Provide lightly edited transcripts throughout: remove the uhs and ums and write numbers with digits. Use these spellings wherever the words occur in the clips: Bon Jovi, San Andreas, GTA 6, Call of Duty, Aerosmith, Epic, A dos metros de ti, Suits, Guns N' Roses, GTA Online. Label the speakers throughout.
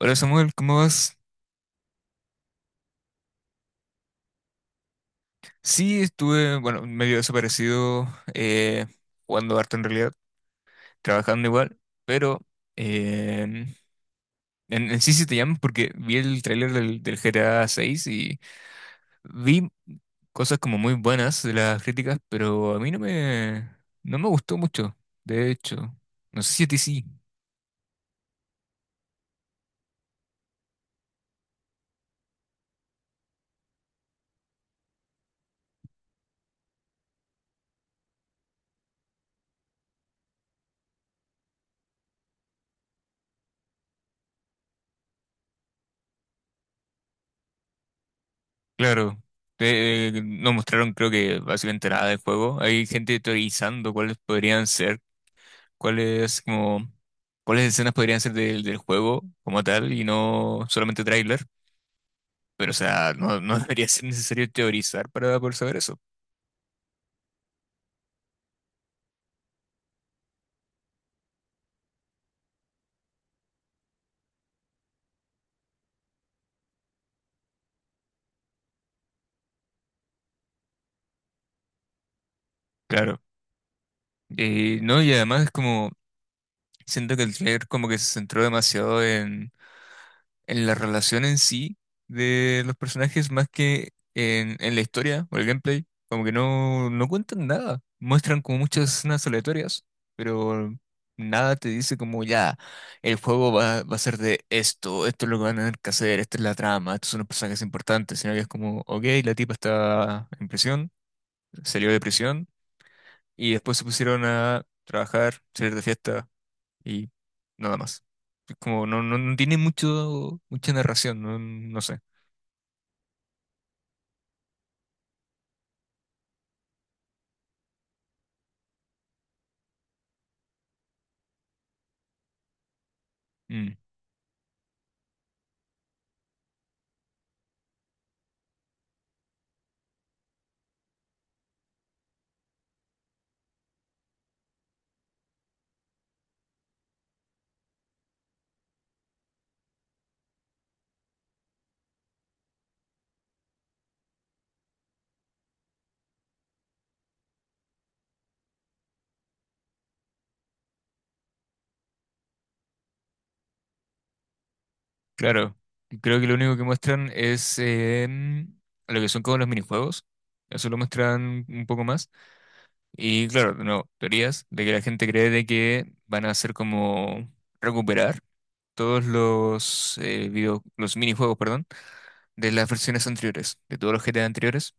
Speaker 1: Hola Samuel, ¿cómo vas? Sí, estuve, bueno, medio desaparecido, eh, jugando harto en realidad, trabajando igual, pero eh, en sí sí te llamo porque vi el tráiler del GTA 6 y vi cosas como muy buenas de las críticas, pero a mí no me, no me gustó mucho, de hecho. No sé si a ti sí, claro. No mostraron creo que básicamente nada del juego. Hay gente teorizando cuáles podrían ser cuáles como cuáles escenas podrían ser del juego como tal y no solamente tráiler, pero o sea, no debería ser necesario teorizar para poder saber eso. Claro. No, y además es como siento que el trailer como que se centró demasiado en la relación en sí de los personajes más que en la historia o el gameplay. Como que no, no cuentan nada. Muestran como muchas escenas aleatorias, pero nada te dice como ya, el juego va a ser de esto, esto es lo que van a tener que hacer, esta es la trama, estos son los personajes importantes, sino que es como, ok, la tipa está en prisión, salió de prisión y después se pusieron a trabajar, salir de fiesta y nada más. Es como no tiene mucha narración, no, no sé. Mm, claro, creo que lo único que muestran es em, lo que son como los minijuegos. Eso lo muestran un poco más. Y claro, de nuevo, teorías de que la gente cree de que van a hacer como recuperar todos los los minijuegos, perdón, de las versiones anteriores, de todos los GTA anteriores,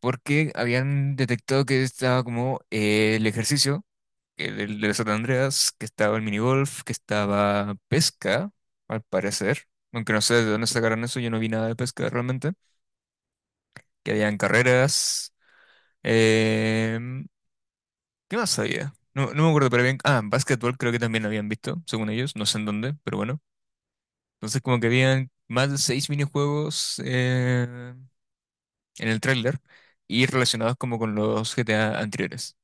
Speaker 1: porque habían detectado que estaba como el ejercicio que del San Andreas, que estaba el minigolf, que estaba pesca, al parecer. Aunque no sé de dónde sacaron eso, yo no vi nada de pesca realmente. Que habían carreras. em, ¿Qué más había? No, no me acuerdo, pero bien. Ah, básquetbol creo que también lo habían visto, según ellos. No sé en dónde, pero bueno. Entonces como que habían más de seis minijuegos en el tráiler y relacionados como con los GTA anteriores.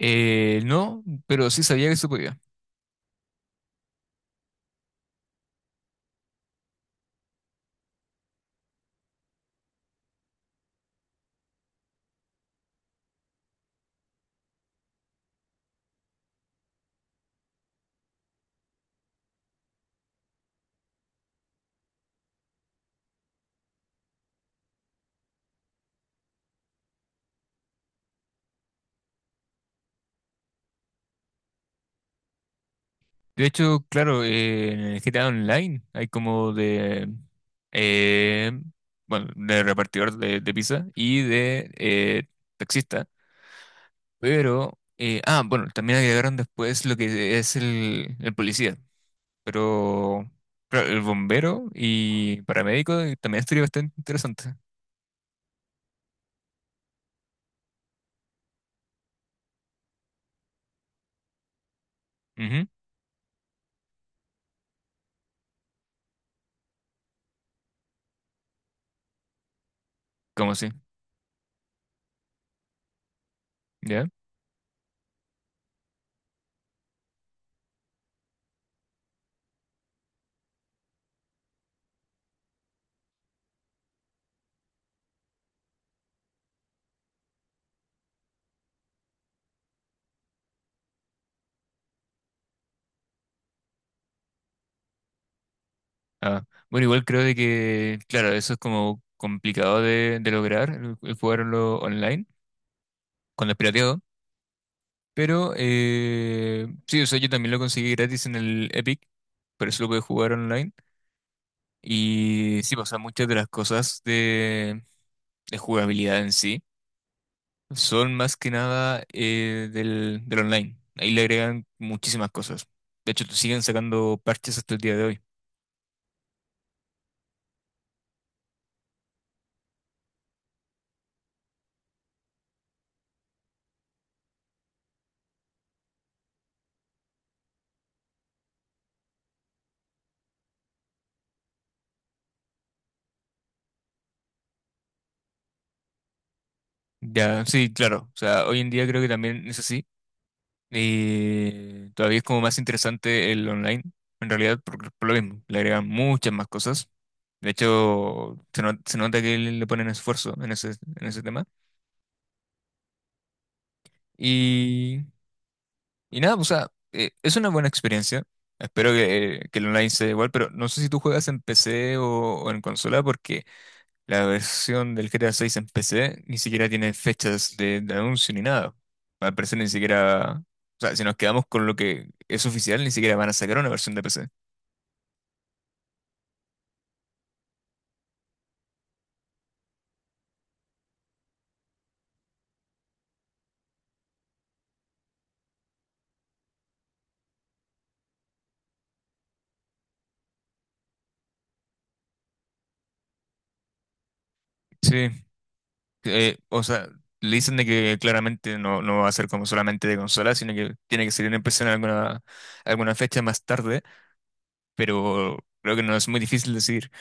Speaker 1: No, pero sí sabía que se podía. De hecho, claro, en el GTA Online hay como eh, bueno, de repartidor de pizza y de taxista, pero, bueno, también agregaron después lo que es el policía, pero claro, el bombero y paramédico también estaría bastante interesante. Ujú. ¿Cómo así? ¿Ya? Ah, bueno, igual creo de que, claro, eso es como complicado de lograr, el jugarlo online con el pirateado. Pero sí, o sea, yo también lo conseguí gratis en el Epic, por eso lo pude jugar online. Y sí, o sea, muchas de las cosas de jugabilidad en sí son más que nada del online. Ahí le agregan muchísimas cosas. De hecho, siguen sacando parches hasta el día de hoy. Ya, sí, claro. O sea, hoy en día creo que también es así. Y todavía es como más interesante el online, en realidad, por lo mismo, le agregan muchas más cosas. De hecho, se, no- se nota que le ponen esfuerzo en en ese tema. Y, y nada, o sea, es una buena experiencia. Espero que el online sea igual, pero no sé si tú juegas en PC o en consola. La versión del GTA 6 en PC ni siquiera tiene fechas de anuncio ni nada. Al parecer ni siquiera... O sea, si nos quedamos con lo que es oficial, ni siquiera van a sacar una versión de PC. Sí, o sea, le dicen de que claramente no, no va a ser como solamente de consola, sino que tiene que salir en PC en alguna fecha más tarde, pero creo que no es muy difícil decir.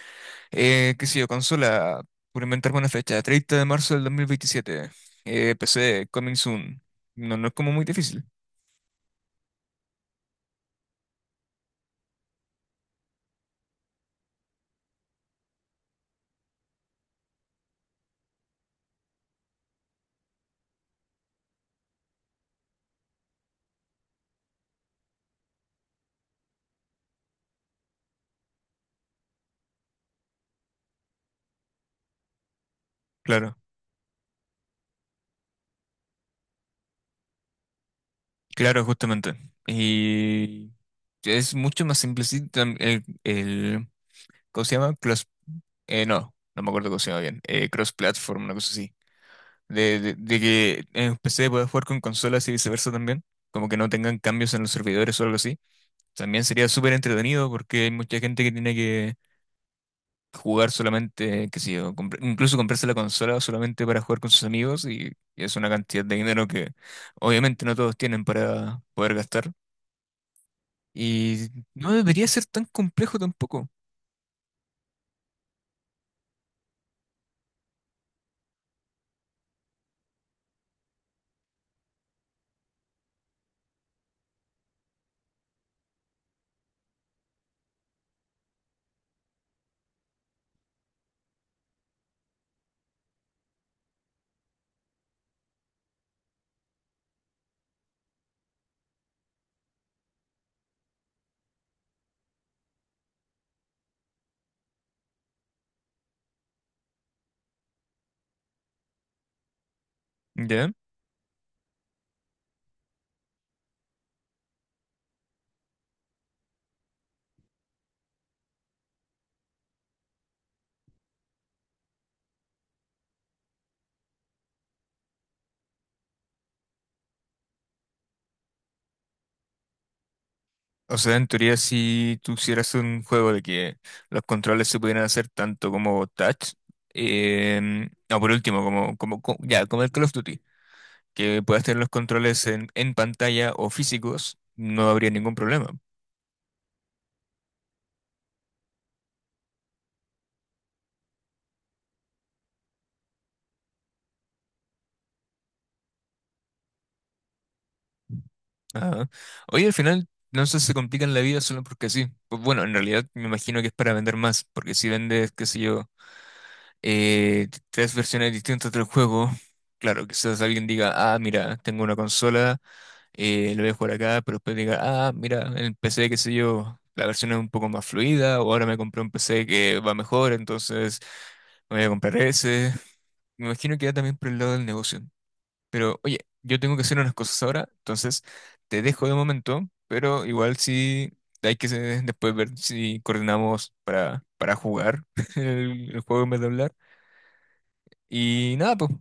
Speaker 1: Qué sé yo, consola, por inventarme una fecha, 30 de marzo del 2027, PC, coming soon. No, no es como muy difícil. Claro. Claro, justamente. Y es mucho más simple. Sí, el, ¿cómo se llama? No, no me acuerdo cómo se llama bien. Cross platform, una cosa así. De que en PC puedas jugar con consolas y viceversa también. Como que no tengan cambios en los servidores o algo así. También sería súper entretenido porque hay mucha gente que tiene que jugar solamente, qué sé yo, incluso comprarse la consola solamente para jugar con sus amigos y es una cantidad de dinero que obviamente no todos tienen para poder gastar. Y no debería ser tan complejo tampoco, ¿ya? O sea, en teoría, si tú hicieras un juego de que los controles se pudieran hacer tanto como touch, o por último, ya, como el Call of Duty, que puedas tener los controles en pantalla o físicos, no habría ningún problema. Ajá. Oye, al final, no sé, si se complican la vida solo porque sí. Pues bueno, en realidad me imagino que es para vender más, porque si vendes, qué sé yo, tres versiones distintas del juego. Claro, quizás alguien diga, ah, mira, tengo una consola, lo voy a jugar acá, pero después diga, ah, mira, en PC, qué sé yo, la versión es un poco más fluida, o ahora me compré un PC que va mejor, entonces me voy a comprar ese. Me imagino que va también por el lado del negocio. Pero oye, yo tengo que hacer unas cosas ahora, entonces te dejo de momento, pero igual sí hay que después ver si coordinamos para jugar el juego en vez de hablar. Y nada, pues,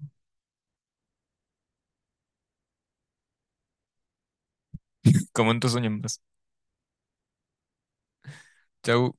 Speaker 1: comento sueños más. Chau.